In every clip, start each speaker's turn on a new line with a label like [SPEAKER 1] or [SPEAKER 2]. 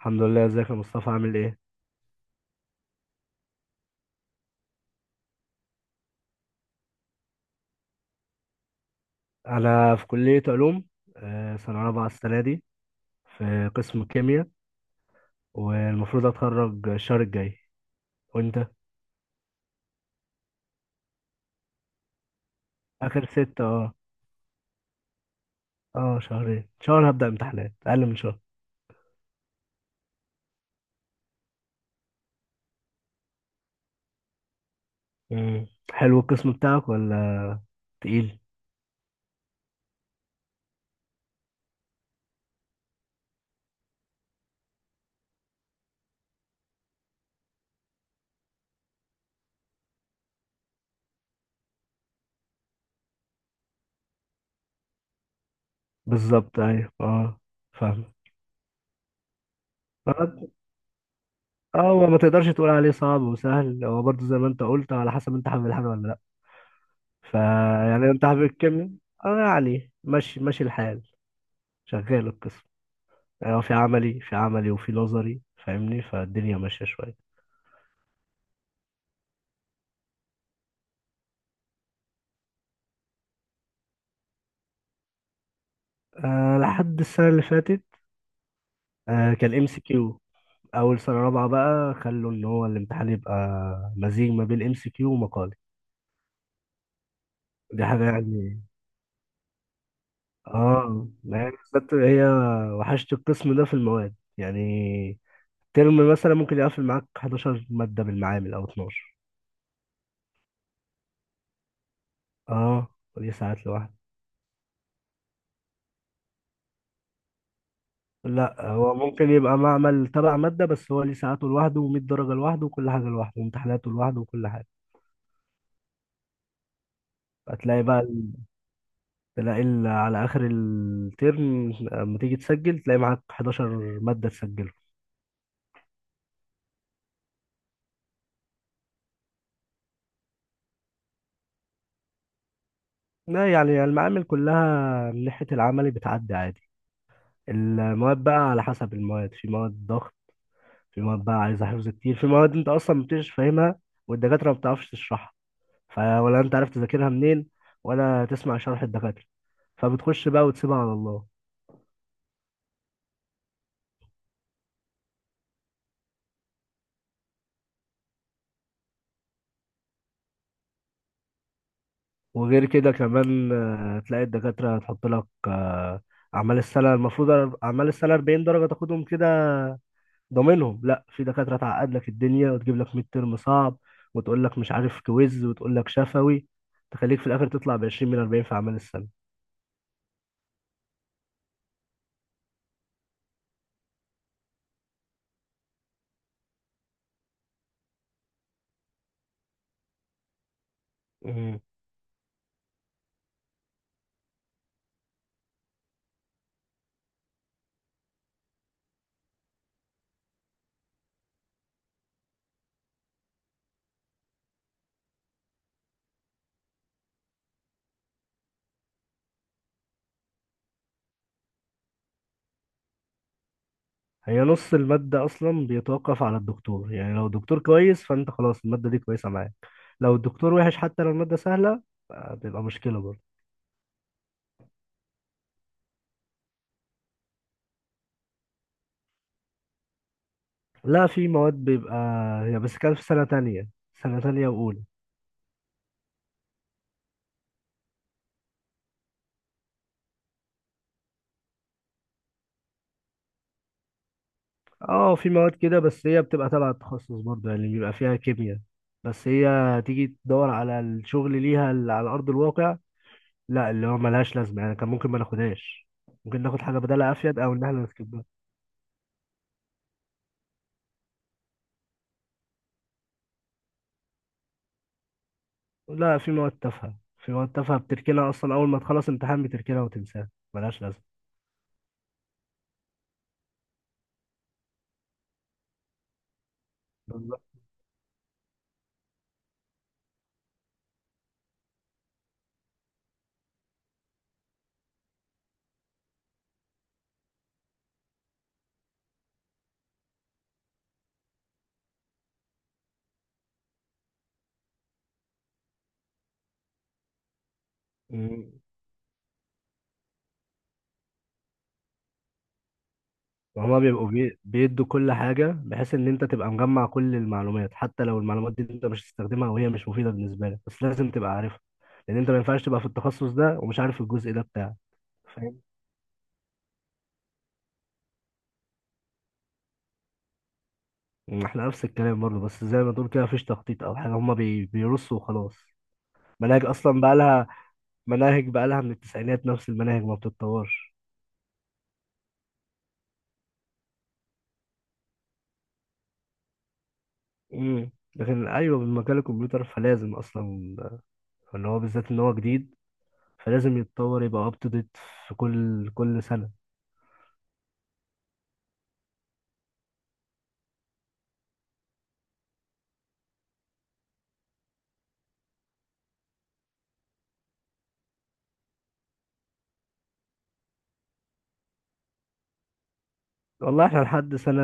[SPEAKER 1] الحمد لله. ازيك يا مصطفى عامل ايه؟ انا في كلية علوم. سنة رابعة السنة دي. في قسم كيمياء. والمفروض اتخرج الشهر الجاي. وانت؟ اخر ستة. اه اه، شهرين. شهر هبدأ امتحانات، اقل من شهر. مم. حلو القسم بتاعك ولا تقيل؟ بالظبط، ايوه، اه. فاهم. اه هو ما تقدرش تقول عليه صعب وسهل، هو برضه زي ما انت قلت، على حسب انت حابب الحاجة ولا لا. فيعني انت حابب الكيمياء؟ اه يعني ماشي ماشي الحال، شغال القسم. اه في عملي وفي نظري، فاهمني، فالدنيا ماشية شوية. لحد السنة اللي فاتت كان MCQ. أول سنة رابعة بقى خلوا إن هو الامتحان يبقى مزيج ما بين MCQ ومقالي. دي حاجة يعني. اه يعني بالذات هي وحشت القسم ده في المواد يعني. ترم مثلا ممكن يقفل معاك 11 مادة بالمعامل أو 12. اه ودي ساعات لوحدها. لا، هو ممكن يبقى معمل تبع مادة، بس هو ليه ساعاته لوحده، و100 درجة لوحده، وكل حاجة لوحده، وامتحاناته لوحده، وكل حاجة. هتلاقي بقى، تلاقي على آخر الترم لما تيجي تسجل تلاقي معاك 11 مادة تسجله. لا يعني المعامل كلها من ناحية العملي بتعدي عادي. المواد بقى على حسب المواد، في مواد ضغط، في مواد بقى عايزة حفظ كتير، في مواد انت اصلا مبتبقاش فاهمها والدكاترة ما بتعرفش تشرحها، فولا انت عارف تذاكرها منين ولا تسمع شرح الدكاترة، فبتخش بقى وتسيبها على الله. وغير كده كمان تلاقي الدكاترة هتحط لك أعمال السنة. المفروض أعمال السنة 40 درجة تاخدهم كده ضامنهم. لا، في دكاترة تعقد لك الدنيا وتجيب لك ميد ترم صعب، وتقول لك مش عارف كويز، وتقول لك شفوي، تخليك في الآخر تطلع ب 20 من 40 في أعمال السنة. مم. هي نص المادة أصلا بيتوقف على الدكتور. يعني لو الدكتور كويس فأنت خلاص المادة دي كويسة معاك، لو الدكتور وحش حتى لو المادة سهلة بيبقى مشكلة برضه. لا، في مواد بيبقى، هي بس كانت في سنة تانية، سنة تانية وأولى. اه في مواد كده، بس هي بتبقى تبع التخصص برضه، يعني بيبقى فيها كيمياء، بس هي تيجي تدور على الشغل ليها اللي على أرض الواقع، لا، اللي هو ملهاش لازمة يعني، كان ممكن ما ناخدهاش، ممكن ناخد حاجة بدالها أفيد أو إن احنا نسكبها. لا، في مواد تافهة، في مواد تافهة بتركنها أصلا أول ما تخلص امتحان بتركنها وتنساها، ملهاش لازمة. بالظبط. مم. هما بيبقوا بيدوا كل حاجة بحيث إن أنت تبقى مجمع كل المعلومات، حتى لو المعلومات دي أنت مش هتستخدمها وهي مش مفيدة بالنسبة لك، بس لازم تبقى عارفها، لأن أنت ما ينفعش تبقى في التخصص ده ومش عارف الجزء ده بتاعك. فاهم. إحنا نفس الكلام برضه، بس زي ما تقول كده مفيش تخطيط أو حاجة، هما بيرصوا وخلاص. مناهج أصلا بقى لها، مناهج بقى لها من التسعينات، نفس المناهج ما بتتطورش. لكن أيوه، بمجال الكمبيوتر فلازم أصلا، اللي هو بالذات إن هو جديد، فلازم يتطور يبقى أب تو ديت في كل كل سنة. والله احنا لحد سنة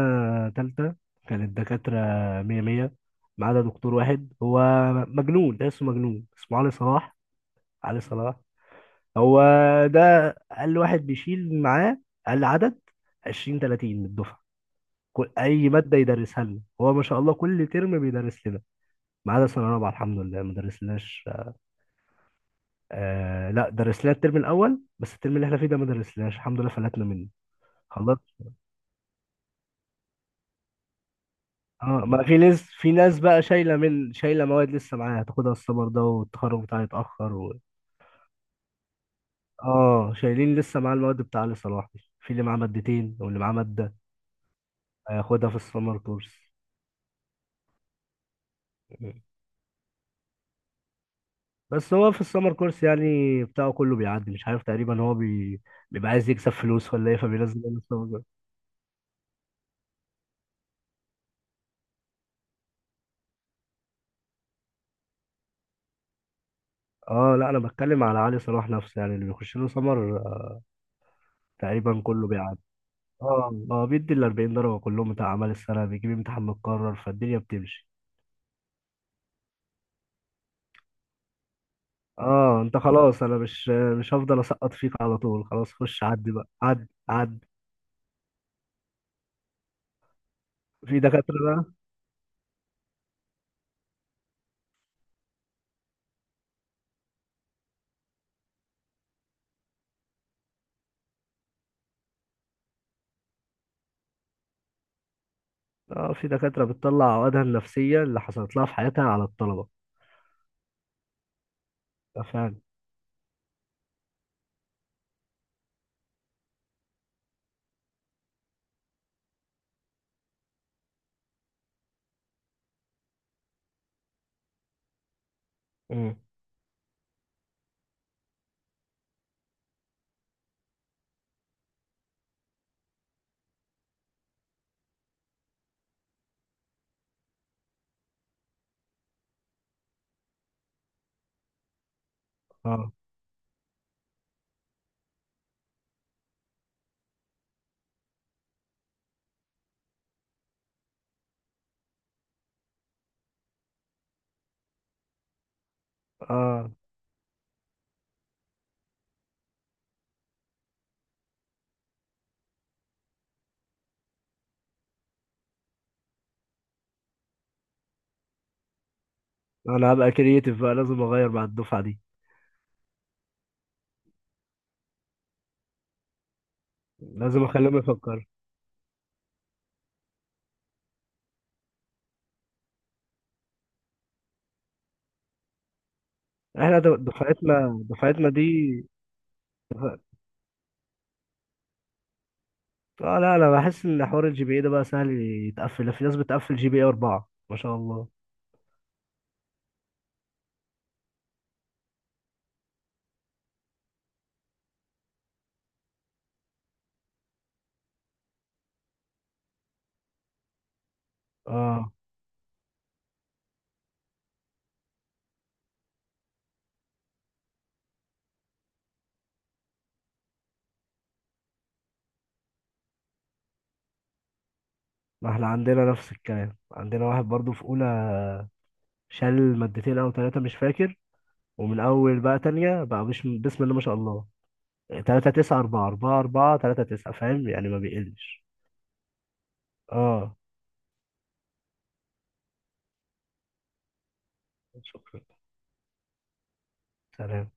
[SPEAKER 1] تالتة كان الدكاترة مية مية ما عدا دكتور واحد، هو مجنون، تحسه مجنون، اسمه علي صلاح. علي صلاح، هو ده أقل واحد بيشيل معاه، أقل عدد 20 30 من الدفعة. أي مادة يدرسها لنا هو ما شاء الله كل ترم بيدرس لنا، ما عدا سنة رابعة الحمد لله ما درسلناش. لا، درس لنا الترم الأول، بس الترم اللي احنا فيه ده ما درسلناش الحمد لله، فلتنا منه. اه ما في ناس في ناس بقى شايله، من شايله مواد لسه معاها هتاخدها السمر ده، والتخرج بتاعها يتاخر اه شايلين لسه معاه المواد بتاع علي صلاح دي. في اللي معاه مادتين واللي معاه ماده هياخدها في السمر كورس. مم. بس هو في السمر كورس يعني بتاعه كله بيعدي، مش عارف، تقريبا هو بيبقى عايز يكسب فلوس ولا ايه، فبينزل لنا السمر كورس. اه لا، انا بتكلم على علي صلاح نفسه، يعني اللي بيخش له سمر تقريبا كله بيعدي. اه بيدي ال 40 درجه كلهم بتاع اعمال السنه، بيجيب امتحان متكرر، فالدنيا بتمشي. اه انت خلاص، انا مش هفضل اسقط فيك على طول، خلاص خش عدي بقى، عدي عدي. في دكاترة بقى. اه في دكاترة بتطلع عقدها النفسية اللي حصلت لها في حياتها على الطلبة. ده فعلا. امم اه اه انا هبقى كرييتيف بقى، لازم اغير مع الدفعة دي، لازم اخليهم يفكروا. احنا دفعتنا دي. اه لا، انا بحس ان حوار الGPA ده بقى سهل يتقفل، في ناس بتقفل GPA 4، ما شاء الله. اه ما احنا عندنا نفس الكلام، عندنا واحد برضو في اولى شال مادتين او ثلاثه مش فاكر، ومن اول بقى تانية بقى مش بسم الله ما شاء الله، 3.9 4 4 4 3.9، فاهم يعني ما بيقلش. اه شكرا. سلام.